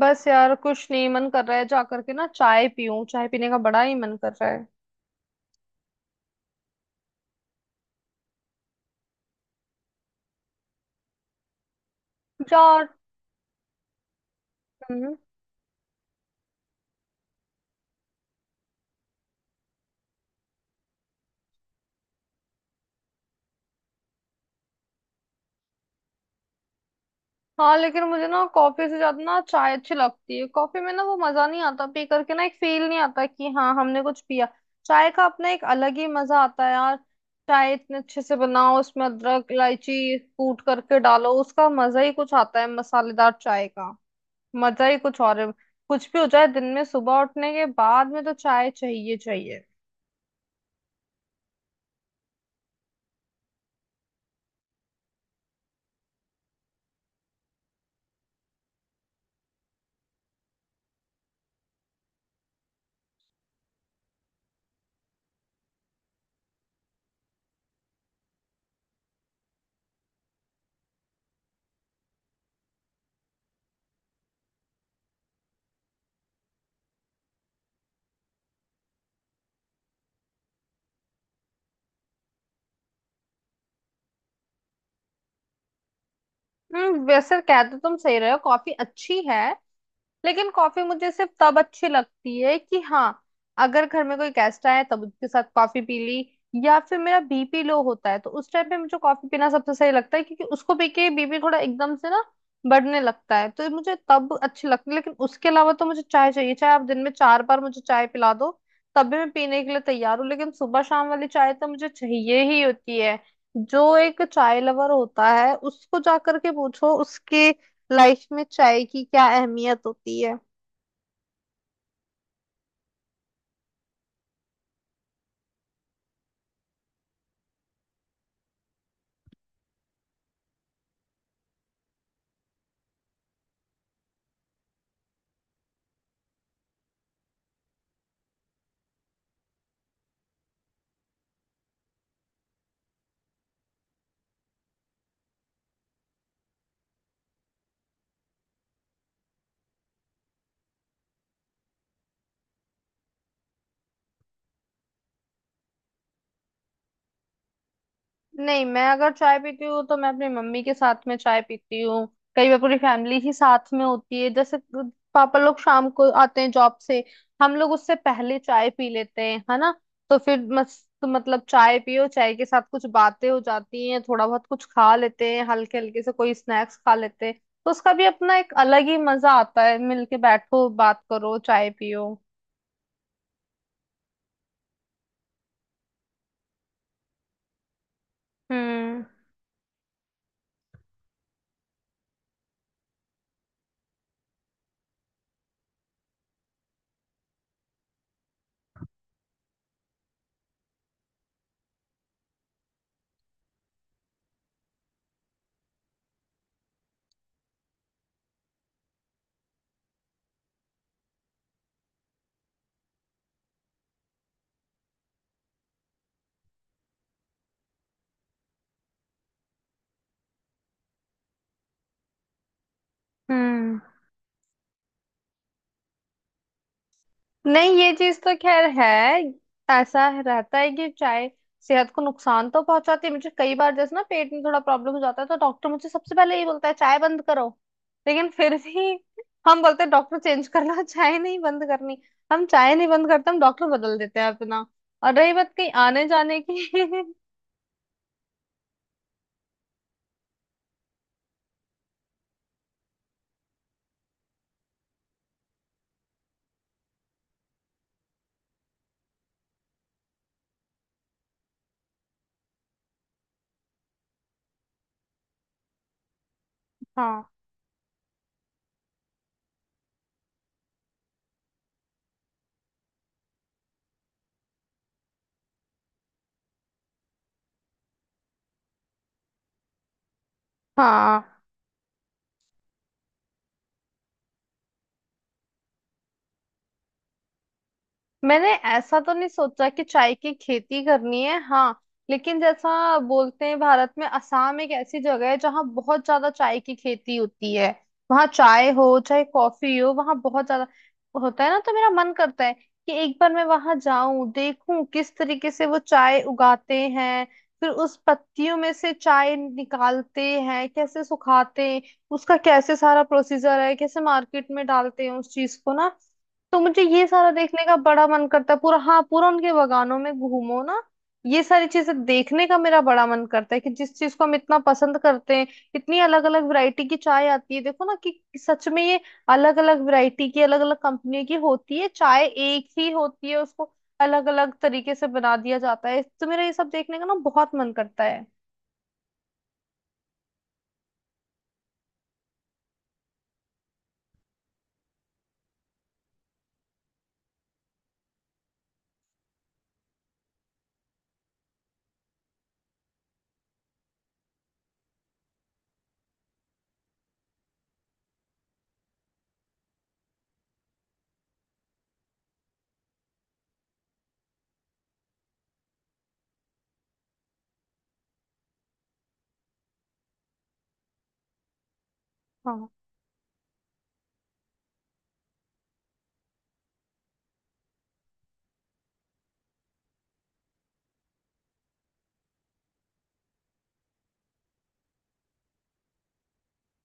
बस यार कुछ नहीं मन कर रहा है। जाकर के ना चाय पीऊं, चाय पीने का बड़ा ही मन कर रहा है। यार। हम्म। हाँ लेकिन मुझे ना कॉफी से ज्यादा ना चाय अच्छी लगती है। कॉफी में ना वो मजा नहीं आता, पी करके ना एक फील नहीं आता कि हाँ हमने कुछ पिया। चाय का अपना एक अलग ही मजा आता है यार। चाय इतने अच्छे से बनाओ, उसमें अदरक इलायची कूट करके डालो, उसका मजा ही कुछ आता है, मसालेदार चाय का मजा ही कुछ और है। कुछ भी हो जाए, दिन में सुबह उठने के बाद में तो चाय चाहिए चाहिए। हम्म, वैसे कह तो तुम सही रहे हो, कॉफी अच्छी है। लेकिन कॉफी मुझे सिर्फ तब अच्छी लगती है कि हाँ, अगर घर में कोई गेस्ट आया तब उसके साथ कॉफी पी ली। या फिर मेरा बीपी लो होता है तो उस टाइम पे मुझे कॉफी पीना सबसे सही लगता है, क्योंकि उसको पी के बीपी थोड़ा एकदम से ना बढ़ने लगता है। तो ये मुझे तब अच्छी लगती है, लेकिन उसके अलावा तो मुझे चाय चाहिए। चाहे आप दिन में चार बार मुझे चाय पिला दो, तब भी मैं पीने के लिए तैयार हूँ। लेकिन सुबह शाम वाली चाय तो मुझे चाहिए ही होती है। जो एक चाय लवर होता है, उसको जा करके पूछो उसके लाइफ में चाय की क्या अहमियत होती है। नहीं, मैं अगर चाय पीती हूँ तो मैं अपनी मम्मी के साथ में चाय पीती हूँ। कई बार पूरी फैमिली ही साथ में होती है, जैसे पापा लोग शाम को आते हैं जॉब से, हम लोग उससे पहले चाय पी लेते हैं, है ना। तो फिर मस्त, मतलब चाय पियो, चाय के साथ कुछ बातें हो जाती हैं, थोड़ा बहुत कुछ खा लेते हैं, हल्के हल्के से कोई स्नैक्स खा लेते हैं। तो उसका भी अपना एक अलग ही मजा आता है, मिलके बैठो, बात करो, चाय पियो। हम्म। हम्म। नहीं, ये चीज तो खैर है। ऐसा रहता है कि चाय सेहत को नुकसान तो पहुंचाती है, मुझे कई बार जैसे ना पेट में थोड़ा प्रॉब्लम हो जाता है तो डॉक्टर मुझे सबसे पहले ये बोलता है चाय बंद करो। लेकिन फिर भी हम बोलते हैं, डॉक्टर चेंज कर लो चाय नहीं बंद करनी। हम चाय नहीं बंद करते, हम डॉक्टर बदल देते हैं अपना। और रही बात कहीं आने जाने की। हाँ। हाँ, मैंने ऐसा तो नहीं सोचा कि चाय की खेती करनी है। हाँ लेकिन जैसा बोलते हैं, भारत में असम एक ऐसी जगह है जहाँ बहुत ज्यादा चाय की खेती होती है। वहाँ चाय हो चाहे कॉफी हो, वहाँ बहुत ज्यादा होता है ना। तो मेरा मन करता है कि एक बार मैं वहां जाऊं, देखूं किस तरीके से वो चाय उगाते हैं, फिर उस पत्तियों में से चाय निकालते हैं, कैसे सुखाते हैं, उसका कैसे सारा प्रोसीजर है, कैसे मार्केट में डालते हैं उस चीज को ना। तो मुझे ये सारा देखने का बड़ा मन करता है, पूरा, हाँ, पूरा उनके बगानों में घूमो ना। ये सारी चीजें देखने का मेरा बड़ा मन करता है, कि जिस चीज को हम इतना पसंद करते हैं, इतनी अलग अलग वैरायटी की चाय आती है, देखो ना कि सच में ये अलग अलग वैरायटी की, अलग अलग कंपनियों की होती है। चाय एक ही होती है, उसको अलग अलग तरीके से बना दिया जाता है। तो मेरा ये सब देखने का ना बहुत मन करता है। हाँ।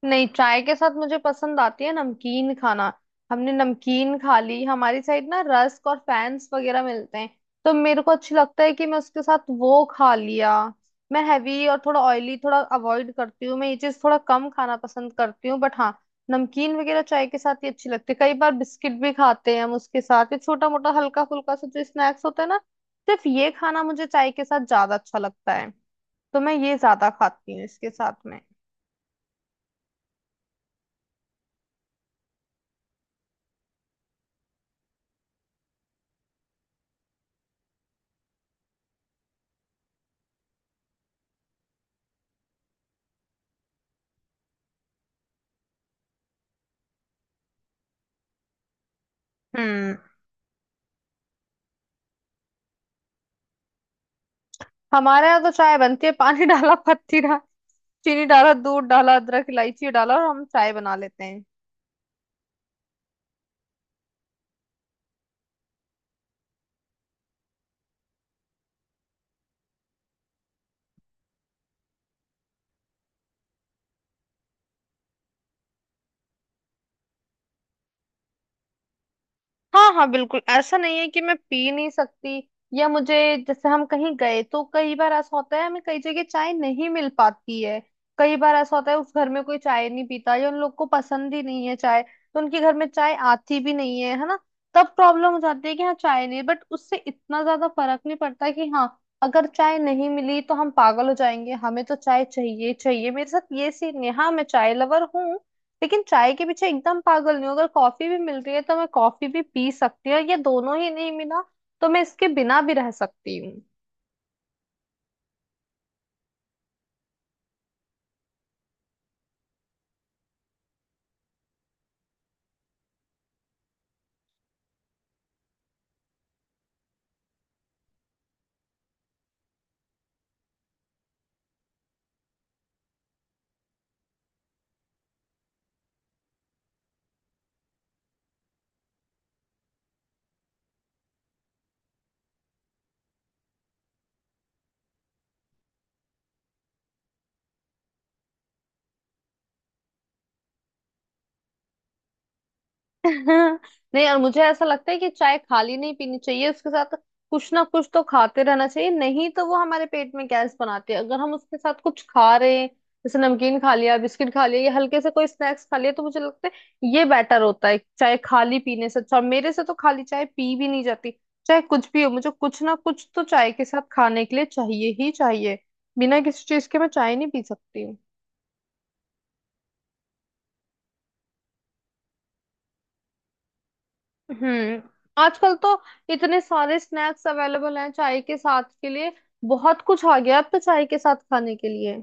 नहीं, चाय के साथ मुझे पसंद आती है नमकीन खाना। हमने नमकीन खा ली, हमारी साइड ना रस्क और फैंस वगैरह मिलते हैं, तो मेरे को अच्छी लगता है कि मैं उसके साथ वो खा लिया। मैं हैवी और थोड़ा ऑयली थोड़ा अवॉइड करती हूँ, मैं ये चीज थोड़ा कम खाना पसंद करती हूँ। बट हाँ, नमकीन वगैरह चाय के साथ ही अच्छी लगती है। कई बार बिस्किट भी खाते हैं हम उसके साथ, ये छोटा मोटा हल्का फुल्का सा जो स्नैक्स होता है ना, सिर्फ ये खाना मुझे चाय के साथ ज्यादा अच्छा लगता है। तो मैं ये ज्यादा खाती हूँ इसके साथ में। हम्म। हमारे यहाँ तो चाय बनती है, पानी डाला, पत्ती डाला, चीनी डाला, दूध डाला, अदरक इलायची डाला और हम चाय बना लेते हैं। हाँ हाँ, बिल्कुल ऐसा नहीं है कि मैं पी नहीं सकती या मुझे, जैसे हम कहीं गए तो कई बार ऐसा होता है, हमें कई जगह चाय नहीं मिल पाती है। कई बार ऐसा होता है उस घर में कोई चाय नहीं पीता, या उन लोग को पसंद ही नहीं है चाय, तो उनके घर में चाय आती भी नहीं है, है ना। तब प्रॉब्लम हो जाती है कि हाँ चाय नहीं, बट उससे इतना ज्यादा फर्क नहीं पड़ता कि हाँ अगर चाय नहीं मिली तो हम पागल हो जाएंगे, हमें तो चाय चाहिए चाहिए। मेरे साथ ये सीन है, हाँ मैं चाय लवर हूँ, लेकिन चाय के पीछे एकदम पागल नहीं हूँ। अगर कॉफी भी मिल रही है तो मैं कॉफी भी पी सकती हूँ, और ये दोनों ही नहीं मिला तो मैं इसके बिना भी रह सकती हूँ। हाँ, नहीं, और मुझे ऐसा लगता है कि चाय खाली नहीं पीनी चाहिए, उसके साथ कुछ ना कुछ तो खाते रहना चाहिए। नहीं तो वो हमारे पेट में गैस बनाती है, अगर हम उसके साथ कुछ खा रहे हैं जैसे नमकीन खा लिया, बिस्किट खा लिया या हल्के से कोई स्नैक्स खा लिया, तो मुझे लगता है ये बेटर होता है चाय खाली पीने से अच्छा। और मेरे से तो खाली चाय पी भी नहीं जाती, चाहे कुछ भी हो मुझे कुछ ना कुछ तो चाय के साथ खाने के लिए चाहिए ही चाहिए, बिना किसी चीज के मैं चाय नहीं पी सकती। हम्म। आजकल तो इतने सारे स्नैक्स अवेलेबल हैं चाय के साथ के लिए, बहुत कुछ आ गया अब तो चाय के साथ खाने के लिए।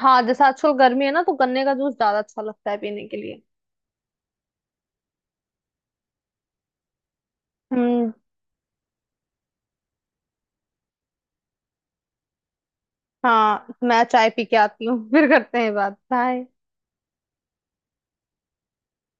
हाँ जैसे आजकल गर्मी है ना, तो गन्ने का जूस ज्यादा अच्छा लगता है पीने के लिए। हम्म। हाँ मैं चाय पी के आती हूँ फिर करते हैं बात। बाय।